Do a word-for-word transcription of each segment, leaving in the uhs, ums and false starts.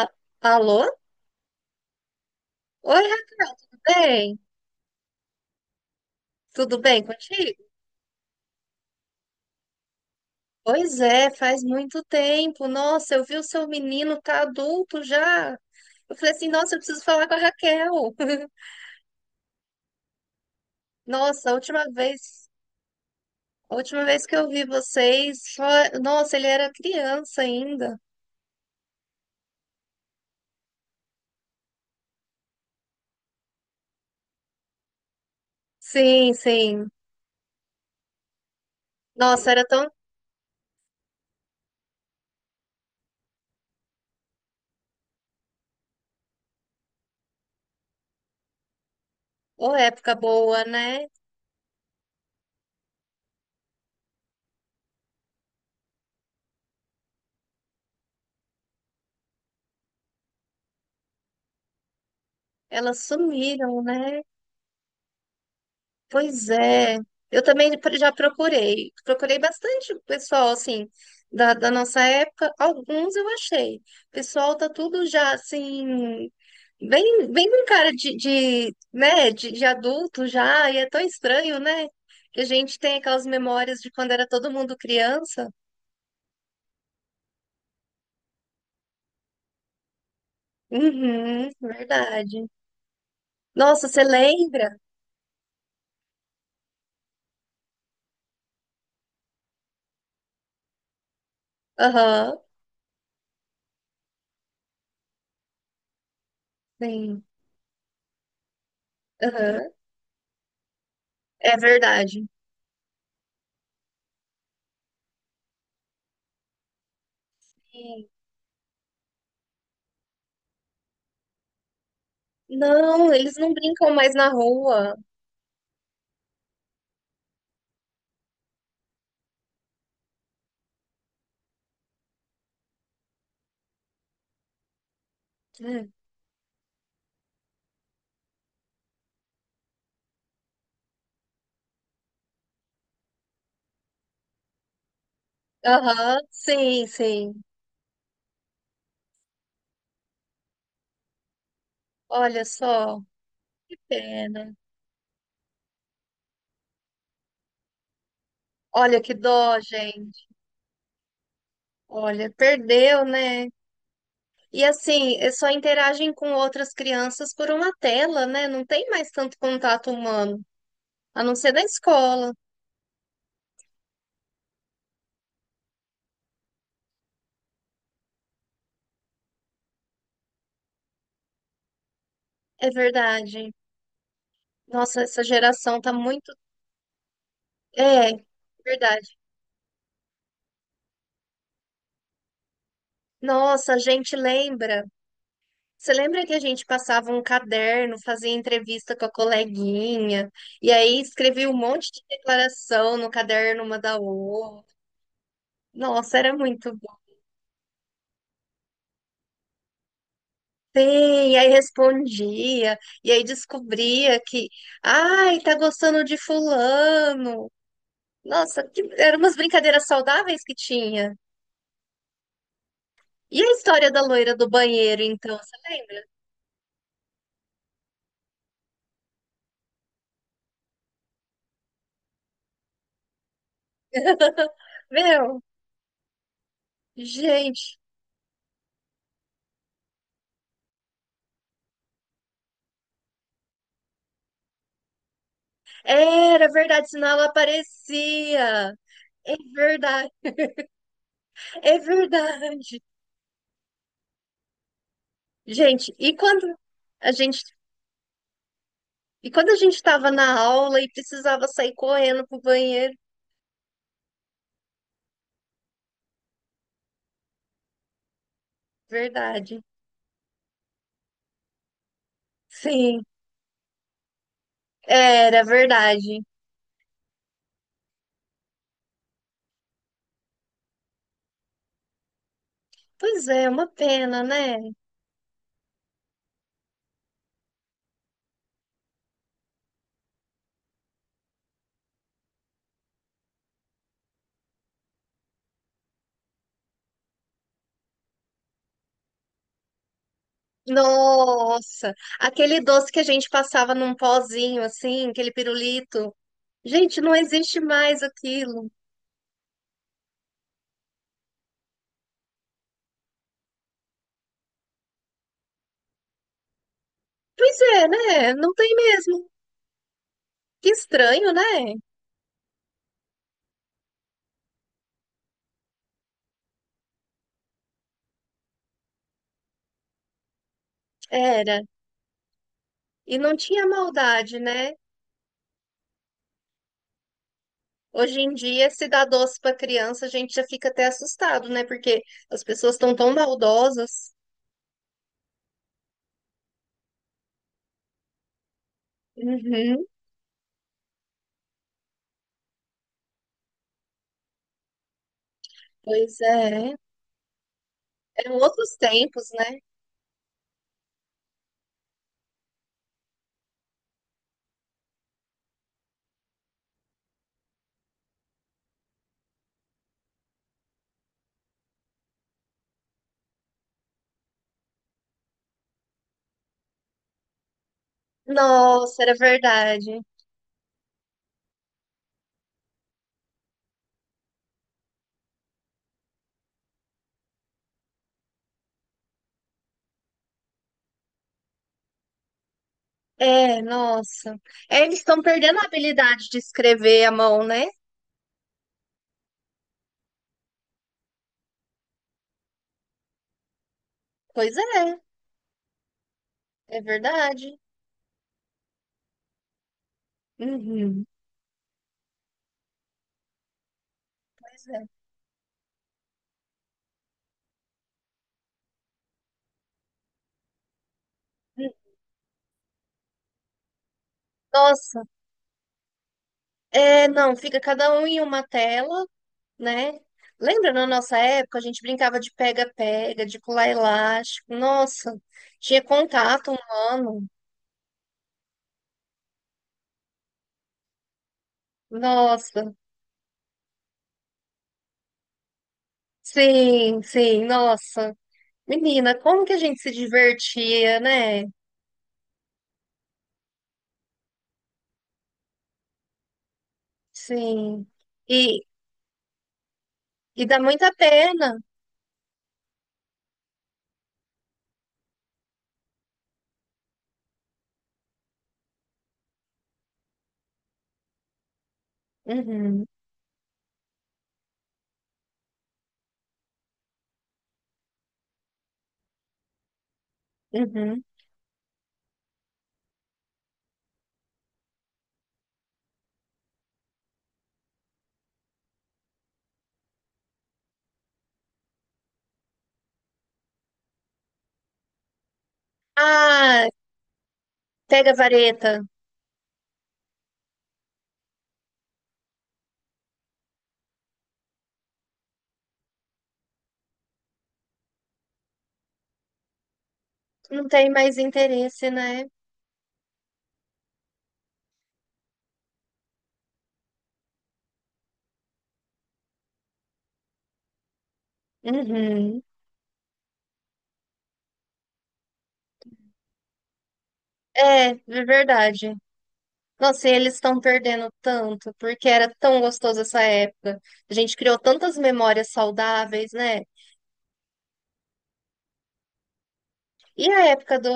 A- Alô? Oi, Raben. Tudo bem contigo? Pois é, faz muito tempo. Nossa, eu vi o seu menino tá adulto já. Eu falei assim, nossa, eu preciso falar com a Raquel. Nossa, a última vez, a última vez que eu vi vocês, só, nossa, ele era criança ainda. Sim, sim. Nossa, era tão, ô, época boa, né? Elas sumiram, né? Pois é, eu também pro- já procurei, procurei bastante o pessoal, assim, da, da nossa época, alguns eu achei. O pessoal tá tudo já, assim, bem, bem com cara de, de, né, de, de adulto já, e é tão estranho, né? Que a gente tem aquelas memórias de quando era todo mundo criança. Uhum, verdade. Nossa, você lembra? Aham, sim, aham, é verdade. Sim. Não, eles não brincam mais na rua. Aham, sim, sim. Olha só, que pena. Olha que dó, gente. Olha, perdeu, né? E assim, eh, só interagem com outras crianças por uma tela, né? Não tem mais tanto contato humano, a não ser na escola. É verdade. Nossa, essa geração tá muito. É, verdade. Nossa, a gente lembra. Você lembra que a gente passava um caderno, fazia entrevista com a coleguinha, e aí escrevia um monte de declaração no caderno uma da outra? Nossa, era muito bom. Sim, e aí respondia, e aí descobria que, ai, tá gostando de fulano. Nossa, que eram umas brincadeiras saudáveis que tinha. E a história da loira do banheiro, então, você lembra? Meu, gente, era verdade, senão ela aparecia. É verdade. É verdade. Gente, e quando a gente e quando a gente estava na aula e precisava sair correndo pro banheiro? Verdade. Sim, era verdade. Pois é, uma pena, né? Nossa, aquele doce que a gente passava num pozinho assim, aquele pirulito. Gente, não existe mais aquilo. Pois é, né? Não tem mesmo. Que estranho, né? Era. E não tinha maldade, né? Hoje em dia, se dá doce para criança, a gente já fica até assustado, né? Porque as pessoas estão tão baldosas. Uhum, pois é. Eram outros tempos, né? Nossa, era verdade. É, nossa. É, eles estão perdendo a habilidade de escrever à mão, né? Pois é, é verdade. Uhum, pois é. Hum, Nossa, é, não, fica cada um em uma tela, né? Lembra na nossa época, a gente brincava de pega-pega, de pular elástico. Nossa, tinha contato humano. Nossa, sim, sim, nossa. Menina, como que a gente se divertia, né? Sim. E, e dá muita pena. Uhum, uhum. Ah, pega vareta. Não tem mais interesse, né? Uhum. É, é verdade. Nossa, e eles estão perdendo tanto, porque era tão gostoso essa época. A gente criou tantas memórias saudáveis, né? E a época do,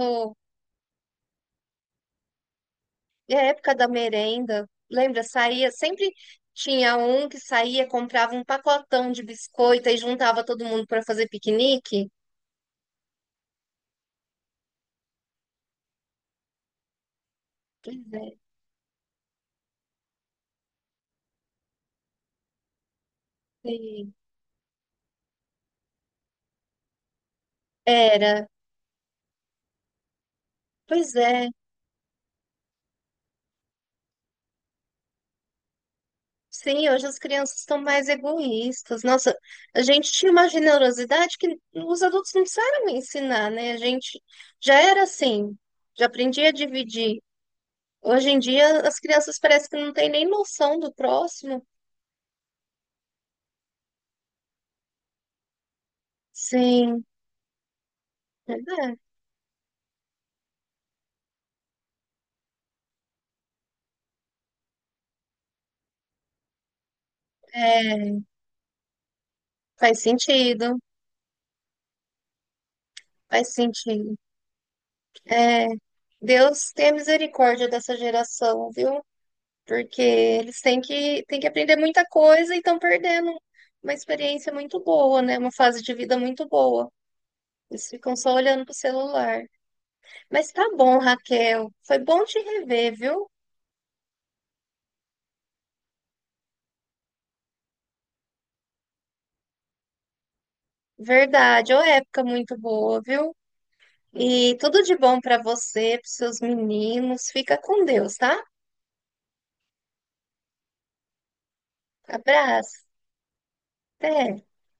e a época da merenda, lembra? Saía, sempre tinha um que saía, comprava um pacotão de biscoito e juntava todo mundo para fazer piquenique. Pois é, sim. Era. Pois é. Sim, hoje as crianças estão mais egoístas. Nossa, a gente tinha uma generosidade que os adultos não precisaram ensinar, né? A gente já era assim, já aprendia a dividir. Hoje em dia, as crianças parecem que não têm nem noção do próximo. Sim, é, é, faz sentido, faz sentido. É, Deus tenha misericórdia dessa geração, viu? Porque eles têm que, têm que aprender muita coisa e estão perdendo uma experiência muito boa, né? Uma fase de vida muito boa. Eles ficam só olhando pro celular. Mas tá bom, Raquel. Foi bom te rever, viu? Verdade, ô época muito boa, viu? E tudo de bom pra você, pros seus meninos. Fica com Deus, tá? Abraço. Até.